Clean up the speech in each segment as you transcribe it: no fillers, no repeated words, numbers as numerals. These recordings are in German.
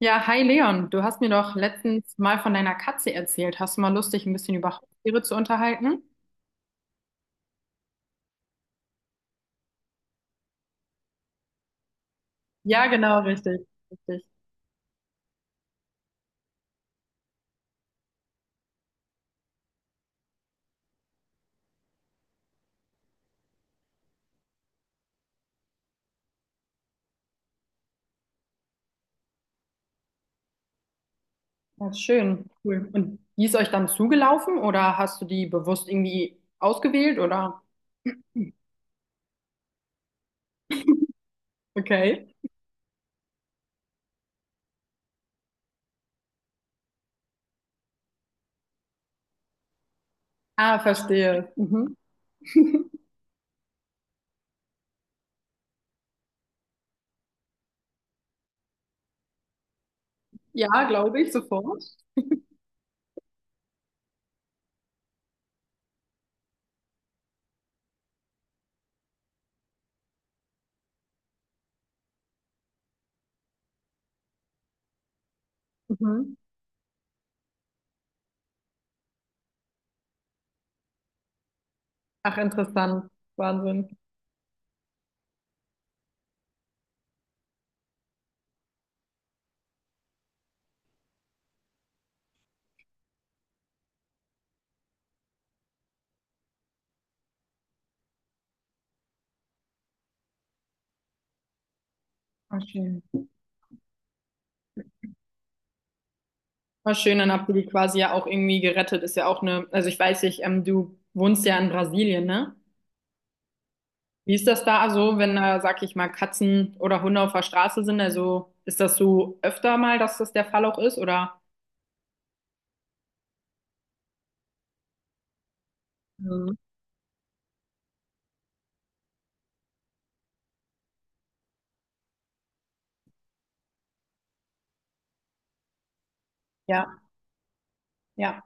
Ja, hi Leon, du hast mir doch letztens mal von deiner Katze erzählt. Hast du mal Lust, dich ein bisschen über Haustiere zu unterhalten? Ja, genau, richtig, richtig. Ja, schön, cool. Und die ist euch dann zugelaufen oder hast du die bewusst irgendwie ausgewählt oder? Okay. Ah, verstehe. Mhm. Ja, glaube ich, sofort. Mhm. Ach, interessant. Wahnsinn. Ah, schön. War schön, dann habt ihr die quasi ja auch irgendwie gerettet. Ist ja auch eine, also ich weiß nicht, du wohnst ja in Brasilien, ne? Wie ist das da so, wenn da, sag ich mal, Katzen oder Hunde auf der Straße sind? Also ist das so öfter mal, dass das der Fall auch ist, oder? Mhm. Ja, ja,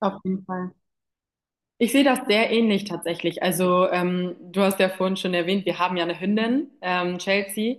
auf jeden Fall. Ich sehe das sehr ähnlich tatsächlich. Also, du hast ja vorhin schon erwähnt, wir haben ja eine Hündin, Chelsea.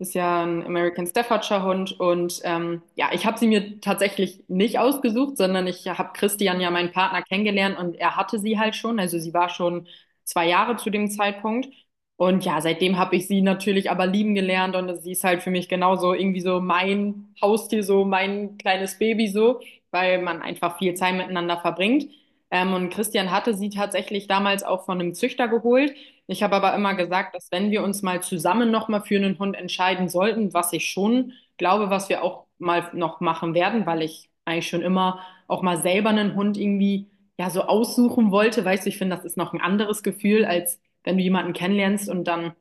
Ist ja ein American Staffordshire Hund. Und ja, ich habe sie mir tatsächlich nicht ausgesucht, sondern ich habe Christian, ja meinen Partner, kennengelernt und er hatte sie halt schon. Also sie war schon 2 Jahre zu dem Zeitpunkt. Und ja, seitdem habe ich sie natürlich aber lieben gelernt und sie ist halt für mich genauso irgendwie so mein Haustier, so mein kleines Baby so, weil man einfach viel Zeit miteinander verbringt. Und Christian hatte sie tatsächlich damals auch von einem Züchter geholt. Ich habe aber immer gesagt, dass, wenn wir uns mal zusammen nochmal für einen Hund entscheiden sollten, was ich schon glaube, was wir auch mal noch machen werden, weil ich eigentlich schon immer auch mal selber einen Hund irgendwie ja so aussuchen wollte. Weißt du, ich finde, das ist noch ein anderes Gefühl, als wenn du jemanden kennenlernst und dann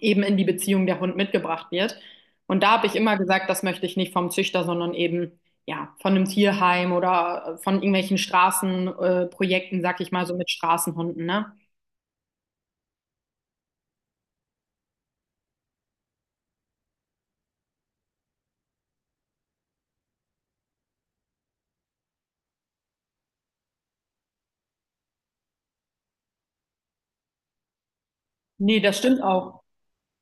eben in die Beziehung der Hund mitgebracht wird. Und da habe ich immer gesagt, das möchte ich nicht vom Züchter, sondern eben ja von einem Tierheim oder von irgendwelchen Straßenprojekten, Projekten, sag ich mal, so mit Straßenhunden, ne? Nee, das stimmt auch.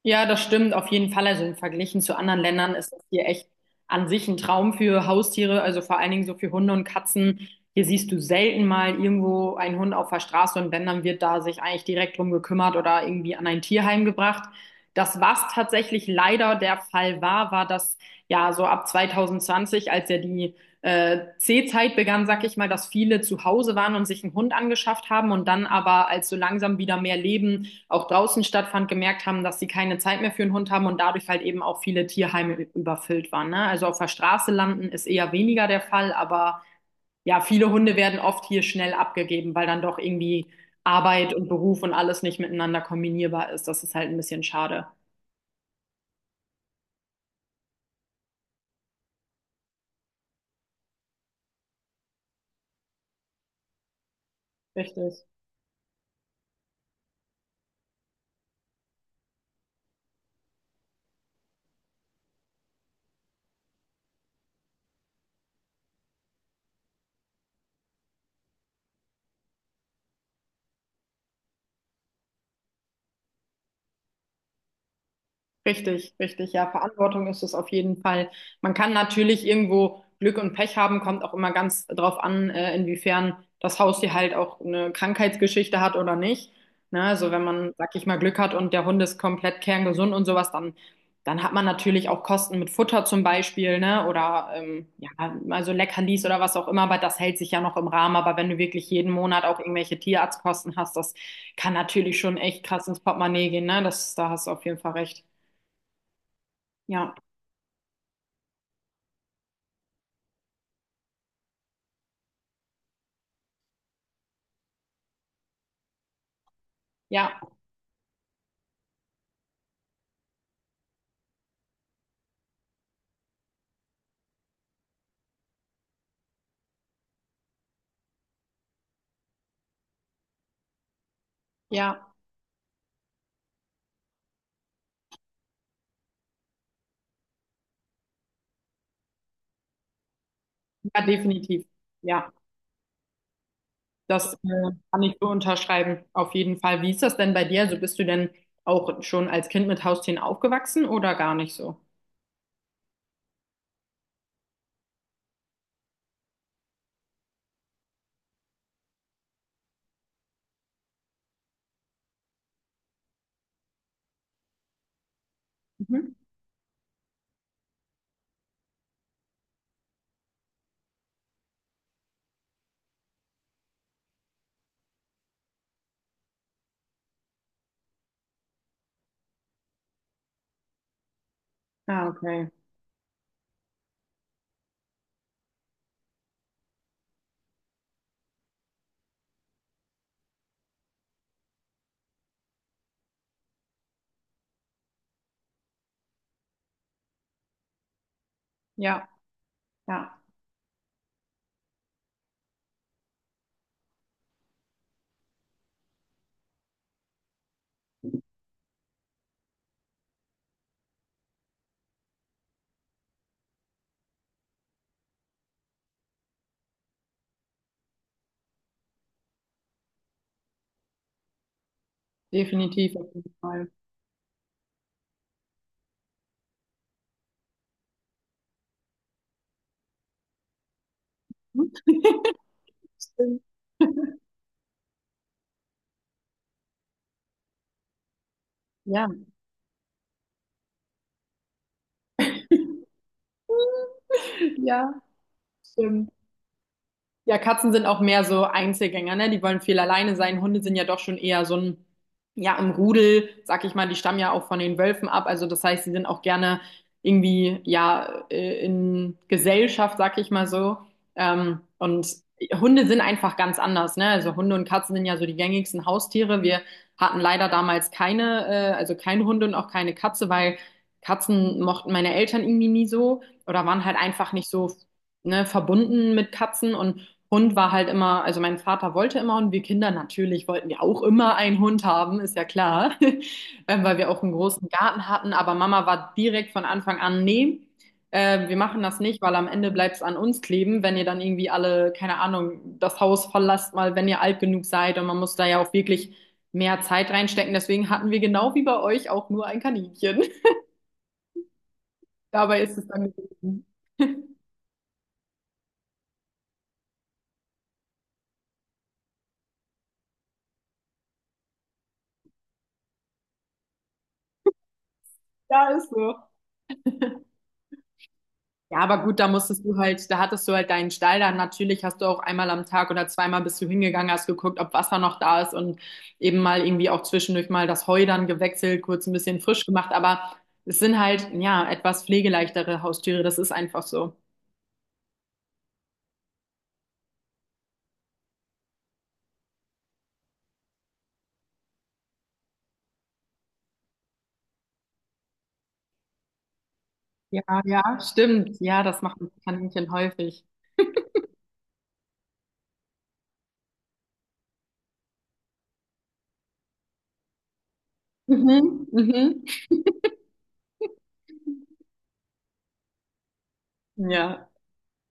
Ja, das stimmt auf jeden Fall. Also im Verglichen zu anderen Ländern ist das hier echt an sich ein Traum für Haustiere, also vor allen Dingen so für Hunde und Katzen. Hier siehst du selten mal irgendwo einen Hund auf der Straße und wenn, dann wird da sich eigentlich direkt drum gekümmert oder irgendwie an ein Tierheim gebracht. Das, was tatsächlich leider der Fall war, war, dass ja so ab 2020, als ja die C-Zeit begann, sag ich mal, dass viele zu Hause waren und sich einen Hund angeschafft haben und dann aber, als so langsam wieder mehr Leben auch draußen stattfand, gemerkt haben, dass sie keine Zeit mehr für einen Hund haben und dadurch halt eben auch viele Tierheime überfüllt waren. Ne? Also auf der Straße landen ist eher weniger der Fall, aber ja, viele Hunde werden oft hier schnell abgegeben, weil dann doch irgendwie Arbeit und Beruf und alles nicht miteinander kombinierbar ist. Das ist halt ein bisschen schade. Richtig. Richtig, richtig. Ja, Verantwortung ist es auf jeden Fall. Man kann natürlich irgendwo Glück und Pech haben, kommt auch immer ganz drauf an, inwiefern das Haustier halt auch eine Krankheitsgeschichte hat oder nicht. Ne, also wenn man, sag ich mal, Glück hat und der Hund ist komplett kerngesund und sowas, dann, dann hat man natürlich auch Kosten mit Futter zum Beispiel, ne? Oder ja, also Leckerlis oder was auch immer, aber das hält sich ja noch im Rahmen. Aber wenn du wirklich jeden Monat auch irgendwelche Tierarztkosten hast, das kann natürlich schon echt krass ins Portemonnaie gehen, ne? Das, da hast du auf jeden Fall recht. Ja, ja, ja, ja, definitiv. Ja, das kann ich so unterschreiben, auf jeden Fall. Wie ist das denn bei dir? Also bist du denn auch schon als Kind mit Haustieren aufgewachsen oder gar nicht so? Mhm. Ah, okay. Ja, ja, definitiv auf jeden Fall. Stimmt. Ja, ja, stimmt. Ja, Katzen sind auch mehr so Einzelgänger, ne? Die wollen viel alleine sein. Hunde sind ja doch schon eher so ein, ja, im Rudel, sag ich mal, die stammen ja auch von den Wölfen ab. Also das heißt, sie sind auch gerne irgendwie, ja, in Gesellschaft, sag ich mal so. Und Hunde sind einfach ganz anders, ne? Also Hunde und Katzen sind ja so die gängigsten Haustiere. Wir hatten leider damals keine, also keinen Hund und auch keine Katze, weil Katzen mochten meine Eltern irgendwie nie so oder waren halt einfach nicht so, ne, verbunden mit Katzen, und Hund war halt immer, also mein Vater wollte immer und wir Kinder natürlich wollten ja auch immer einen Hund haben, ist ja klar, weil wir auch einen großen Garten hatten. Aber Mama war direkt von Anfang an, nee, wir machen das nicht, weil am Ende bleibt es an uns kleben, wenn ihr dann irgendwie alle, keine Ahnung, das Haus verlasst mal, wenn ihr alt genug seid, und man muss da ja auch wirklich mehr Zeit reinstecken. Deswegen hatten wir genau wie bei euch auch nur ein Kaninchen. Dabei ist es dann gewesen. Ja, ist so. Ja, aber gut, da musstest du halt, da hattest du halt deinen Stall, dann natürlich hast du auch einmal am Tag oder zweimal bist du hingegangen, hast geguckt, ob Wasser noch da ist und eben mal irgendwie auch zwischendurch mal das Heu dann gewechselt, kurz ein bisschen frisch gemacht, aber es sind halt, ja, etwas pflegeleichtere Haustiere, das ist einfach so. Ja, ja, stimmt. Ja, das macht ein Kaninchen häufig. Mhm, mhm. Ja.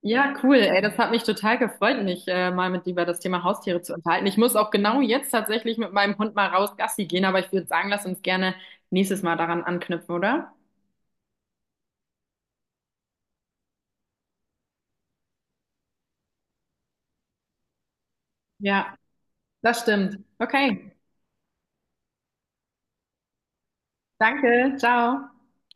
Ja, cool. Ey, das hat mich total gefreut, mich mal mit dir über das Thema Haustiere zu unterhalten. Ich muss auch genau jetzt tatsächlich mit meinem Hund mal raus Gassi gehen, aber ich würde sagen, lass uns gerne nächstes Mal daran anknüpfen, oder? Ja, das stimmt. Okay, danke. Ciao.